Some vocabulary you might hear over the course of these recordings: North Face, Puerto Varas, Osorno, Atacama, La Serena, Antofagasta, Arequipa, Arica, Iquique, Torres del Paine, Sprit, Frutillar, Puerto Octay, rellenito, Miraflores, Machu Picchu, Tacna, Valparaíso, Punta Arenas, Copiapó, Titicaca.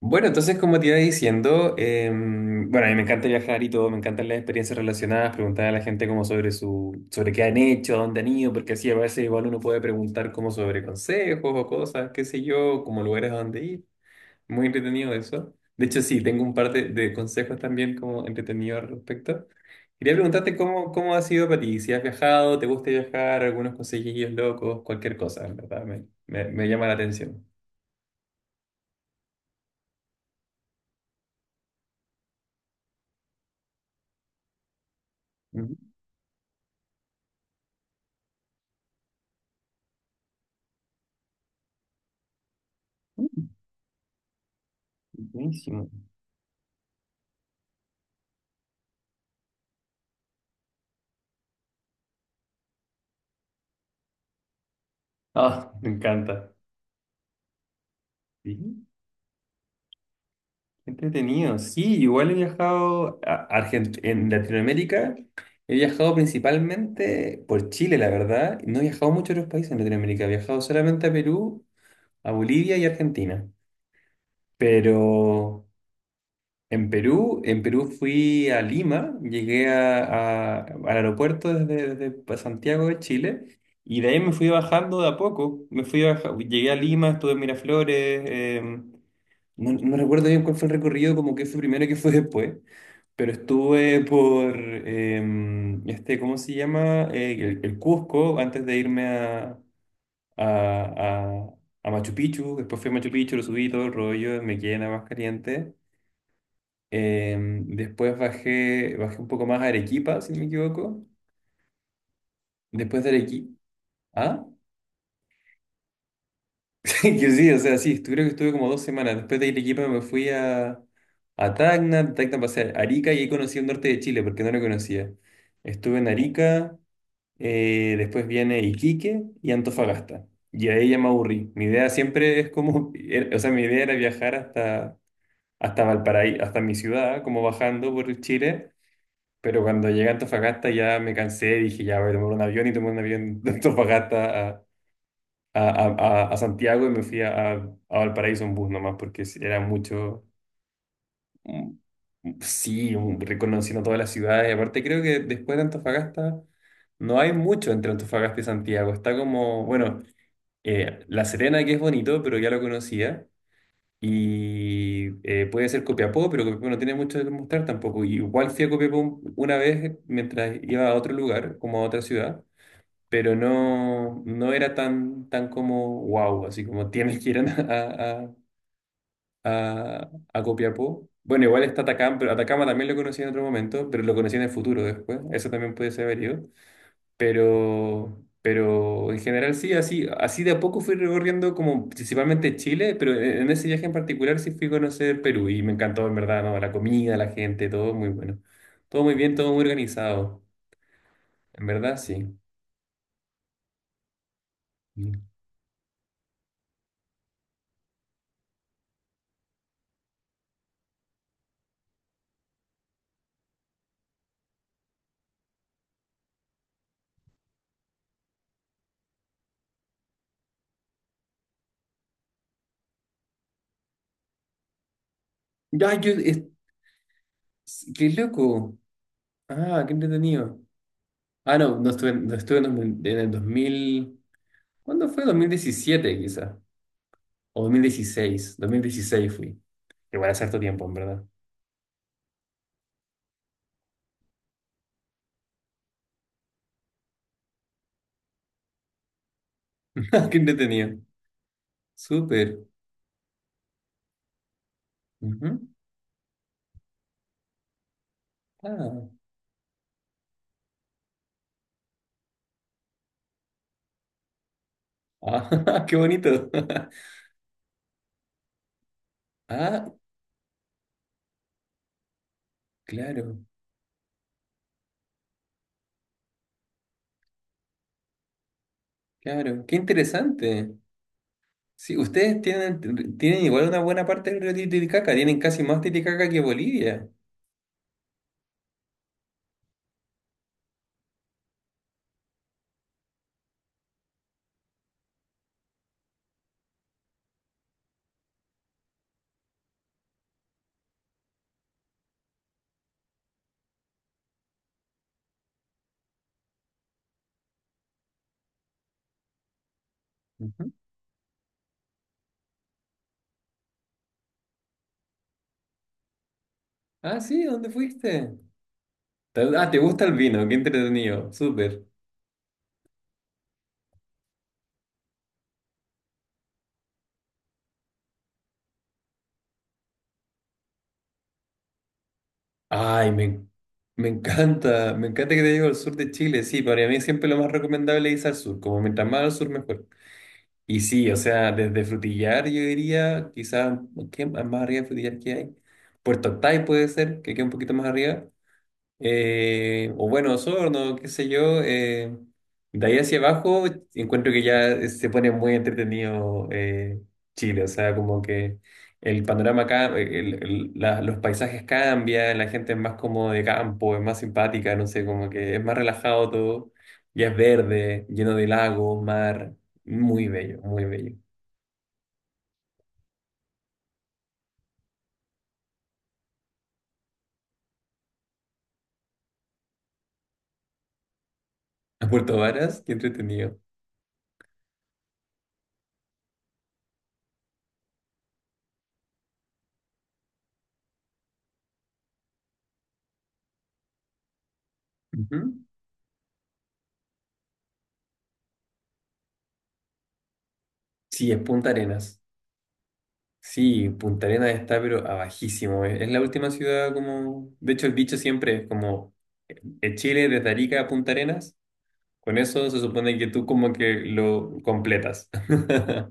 Bueno, entonces como te iba diciendo, bueno, a mí me encanta viajar y todo, me encantan las experiencias relacionadas, preguntar a la gente como sobre su, sobre qué han hecho, a dónde han ido, porque así a veces igual uno puede preguntar como sobre consejos o cosas, qué sé yo, como lugares a dónde ir. Muy entretenido eso. De hecho, sí, tengo un par de consejos también como entretenidos al respecto. Quería preguntarte cómo, cómo ha sido para ti, si has viajado, te gusta viajar, algunos consejillos locos, cualquier cosa, en ¿verdad? Me llama la atención. Ujú. Mm. Buenísimo. Ah, me encanta. Sí, qué entretenido. Sí, igual he viajado a en Latinoamérica. He viajado principalmente por Chile, la verdad. No he viajado mucho a otros países en Latinoamérica. He viajado solamente a Perú, a Bolivia y Argentina. Pero en Perú fui a Lima, al aeropuerto desde, desde Santiago de Chile. Y de ahí me fui bajando de a poco. Llegué a Lima, estuve en Miraflores. No, no recuerdo bien cuál fue el recorrido, como que fue primero y qué fue después, pero estuve por, este, ¿cómo se llama? El Cusco, antes de irme a, a, a Machu Picchu. Después fui a Machu Picchu, lo subí todo el rollo, me quedé en la más caliente. Eh, después bajé, bajé un poco más a Arequipa, si no me equivoco, después de Arequipa, ¿ah? Que sí, o sea, sí, creo que estuve como dos semanas. Después de Arequipa me fui a Tacna. De Tacna pasé a Arica y ahí conocí el norte de Chile porque no lo conocía. Estuve en Arica. Después viene Iquique y Antofagasta. Y ahí ya me aburrí. Mi idea siempre es como, o sea, mi idea era viajar hasta, hasta Valparaíso, hasta mi ciudad, como bajando por Chile. Pero cuando llegué a Antofagasta ya me cansé, dije, ya voy a tomar un avión y tomé un avión de Antofagasta a, a Santiago, y me fui a Valparaíso en bus nomás, porque sí, era mucho. Mm, sí, reconociendo todas las ciudades. Y aparte creo que después de Antofagasta no hay mucho entre Antofagasta y Santiago. Está como, bueno, La Serena, que es bonito, pero ya lo conocía. Y puede ser Copiapó, pero Copiapó no tiene mucho que mostrar tampoco. Y igual fui a Copiapó una vez mientras iba a otro lugar, como a otra ciudad, pero no, no era tan, tan como wow, así como tienes que ir a Copiapó. Bueno, igual está Atacama, pero Atacama también lo conocí en otro momento, pero lo conocí en el futuro después, eso también puede ser variado. Pero en general sí, así, así de a poco fui recorriendo como principalmente Chile, pero en ese viaje en particular sí fui a conocer Perú y me encantó en verdad, ¿no? La comida, la gente, todo muy bueno, todo muy bien, todo muy organizado, en verdad sí. Ya, yo, ¡qué loco! Ah, qué entretenido. Ah, no, no estuve, no estuve en, en el 2000. ¿Cuándo fue? 2017, quizá. O dos mil dieciséis 2016 fui. Igual hace harto tiempo, en verdad. Qué entretenido. Súper. Ujú. Ah, ah, qué bonito. Ah, claro, claro. Qué interesante. Sí, ustedes tienen, tienen igual una buena parte del río Titicaca. Tienen casi más Titicaca que Bolivia. Ujú. Ah, sí, ¿dónde fuiste? Ah, ¿te gusta el vino? Qué entretenido, súper. Ay, me encanta, me encanta, que te digo, el sur de Chile, sí, para mí siempre lo más recomendable es ir al sur, como mientras más al sur mejor. Y sí, o sea, desde Frutillar yo diría, quizás, ¿qué más arriba de Frutillar que hay? Puerto Octay puede ser, que queda un poquito más arriba. O bueno, Osorno, qué sé yo. De ahí hacia abajo encuentro que ya se pone muy entretenido. Chile, o sea, como que el panorama acá, los paisajes cambian, la gente es más como de campo, es más simpática, no sé, como que es más relajado todo, ya es verde, lleno de lagos, mar, muy bello, muy bello. A Puerto Varas, qué entretenido. Ujú. Sí, es Punta Arenas. Sí, Punta Arenas está pero abajísimo. Es la última ciudad como... De hecho, el dicho siempre es como de Chile desde Arica a Punta Arenas. Con eso se supone que tú como que lo completas.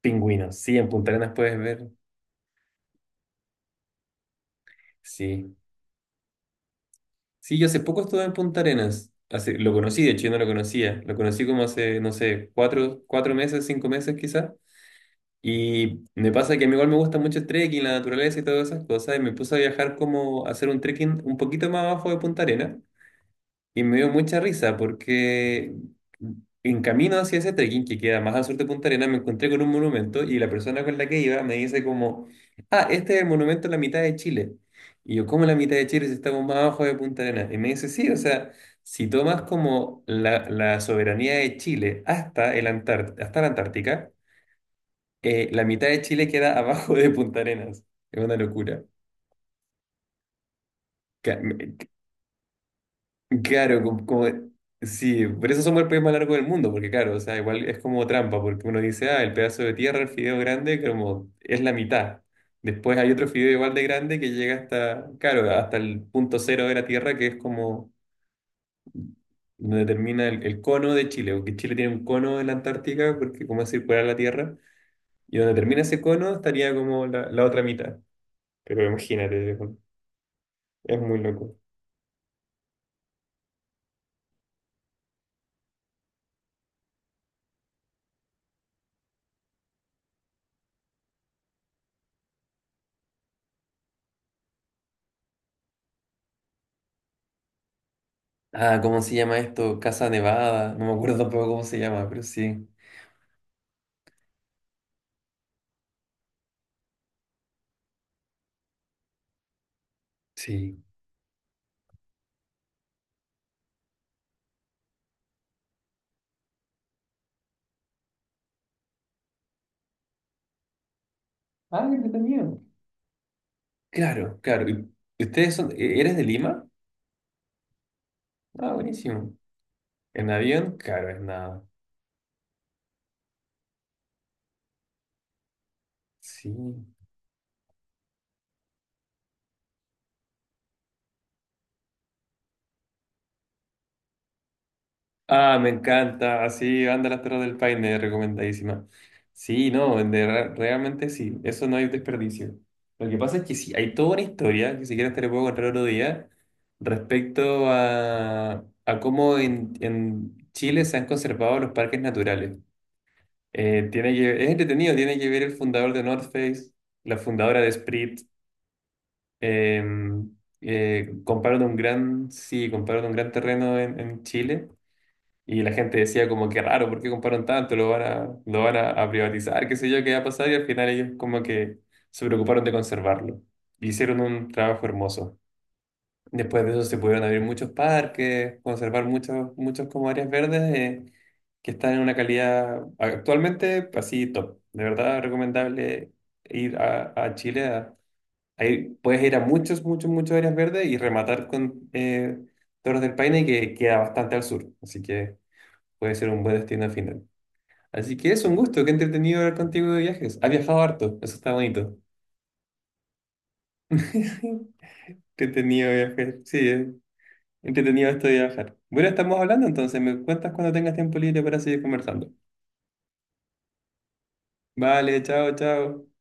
Pingüinos. Sí, en Punta Arenas puedes ver. Sí. Sí, yo hace poco estuve en Punta Arenas. Hace, lo conocí, de hecho yo no lo conocía. Lo conocí como hace, no sé, cuatro, cuatro meses, cinco meses quizás. Y me pasa que a mí igual me gusta mucho el trekking, la naturaleza y todas esas cosas, y me puse a viajar como a hacer un trekking un poquito más abajo de Punta Arenas, y me dio mucha risa porque en camino hacia ese trekking que queda más al sur de Punta Arenas me encontré con un monumento y la persona con la que iba me dice como, ah, este es el monumento en la mitad de Chile. Y yo, ¿cómo en la mitad de Chile si estamos más abajo de Punta Arenas? Y me dice, sí, o sea, si tomas como la soberanía de Chile hasta, hasta la Antártica, la mitad de Chile queda abajo de Punta Arenas. Es una locura. Ca- me- Claro, sí, por eso somos el país más largo del mundo, porque claro, o sea, igual es como trampa, porque uno dice, ah, el pedazo de tierra, el fideo grande, como es la mitad. Después hay otro fideo igual de grande que llega hasta, claro, hasta el punto cero de la tierra, que es como donde termina el cono de Chile, porque Chile tiene un cono en la Antártica, porque como es circular la tierra, y donde termina ese cono estaría como la otra mitad. Pero imagínate, es muy loco. Ah, ¿cómo se llama esto? Casa Nevada. No me acuerdo tampoco cómo se llama, pero sí. Sí. Ah, qué entretenido. Claro, claro. ¿Y ¿ustedes son, eres de Lima? Ah, buenísimo. ¿En avión? Claro, es nada. Sí. Ah, me encanta. Así, anda las Torres del Paine, recomendadísima. Sí, no, de realmente sí, eso no hay desperdicio. Lo que pasa es que sí, hay toda una historia, que si quieres te la puedo contar otro día, respecto a cómo en Chile se han conservado los parques naturales. Tiene que, es entretenido, tiene que ver el fundador de North Face, la fundadora de Sprit. Eh, compraron un gran, sí, compraron un gran terreno en Chile, y la gente decía como que raro, ¿por qué compraron tanto? Lo van a privatizar, qué sé yo, qué va a pasar. Y al final ellos como que se preocuparon de conservarlo. Y hicieron un trabajo hermoso. Después de eso se pudieron abrir muchos parques, conservar muchos, muchos como áreas verdes. Que están en una calidad actualmente pues, así top. De verdad recomendable ir a Chile. A, puedes ir a muchos, muchos, muchos áreas verdes y rematar con Torres del Paine, que queda bastante al sur. Así que puede ser un buen destino al final. Así que es un gusto, qué entretenido hablar contigo de viajes. Has viajado harto, eso está bonito. Qué entretenido viajar, sí, entretenido esto de viajar. Bueno, estamos hablando entonces, me cuentas cuando tengas tiempo libre para seguir conversando. Vale, chao, chao.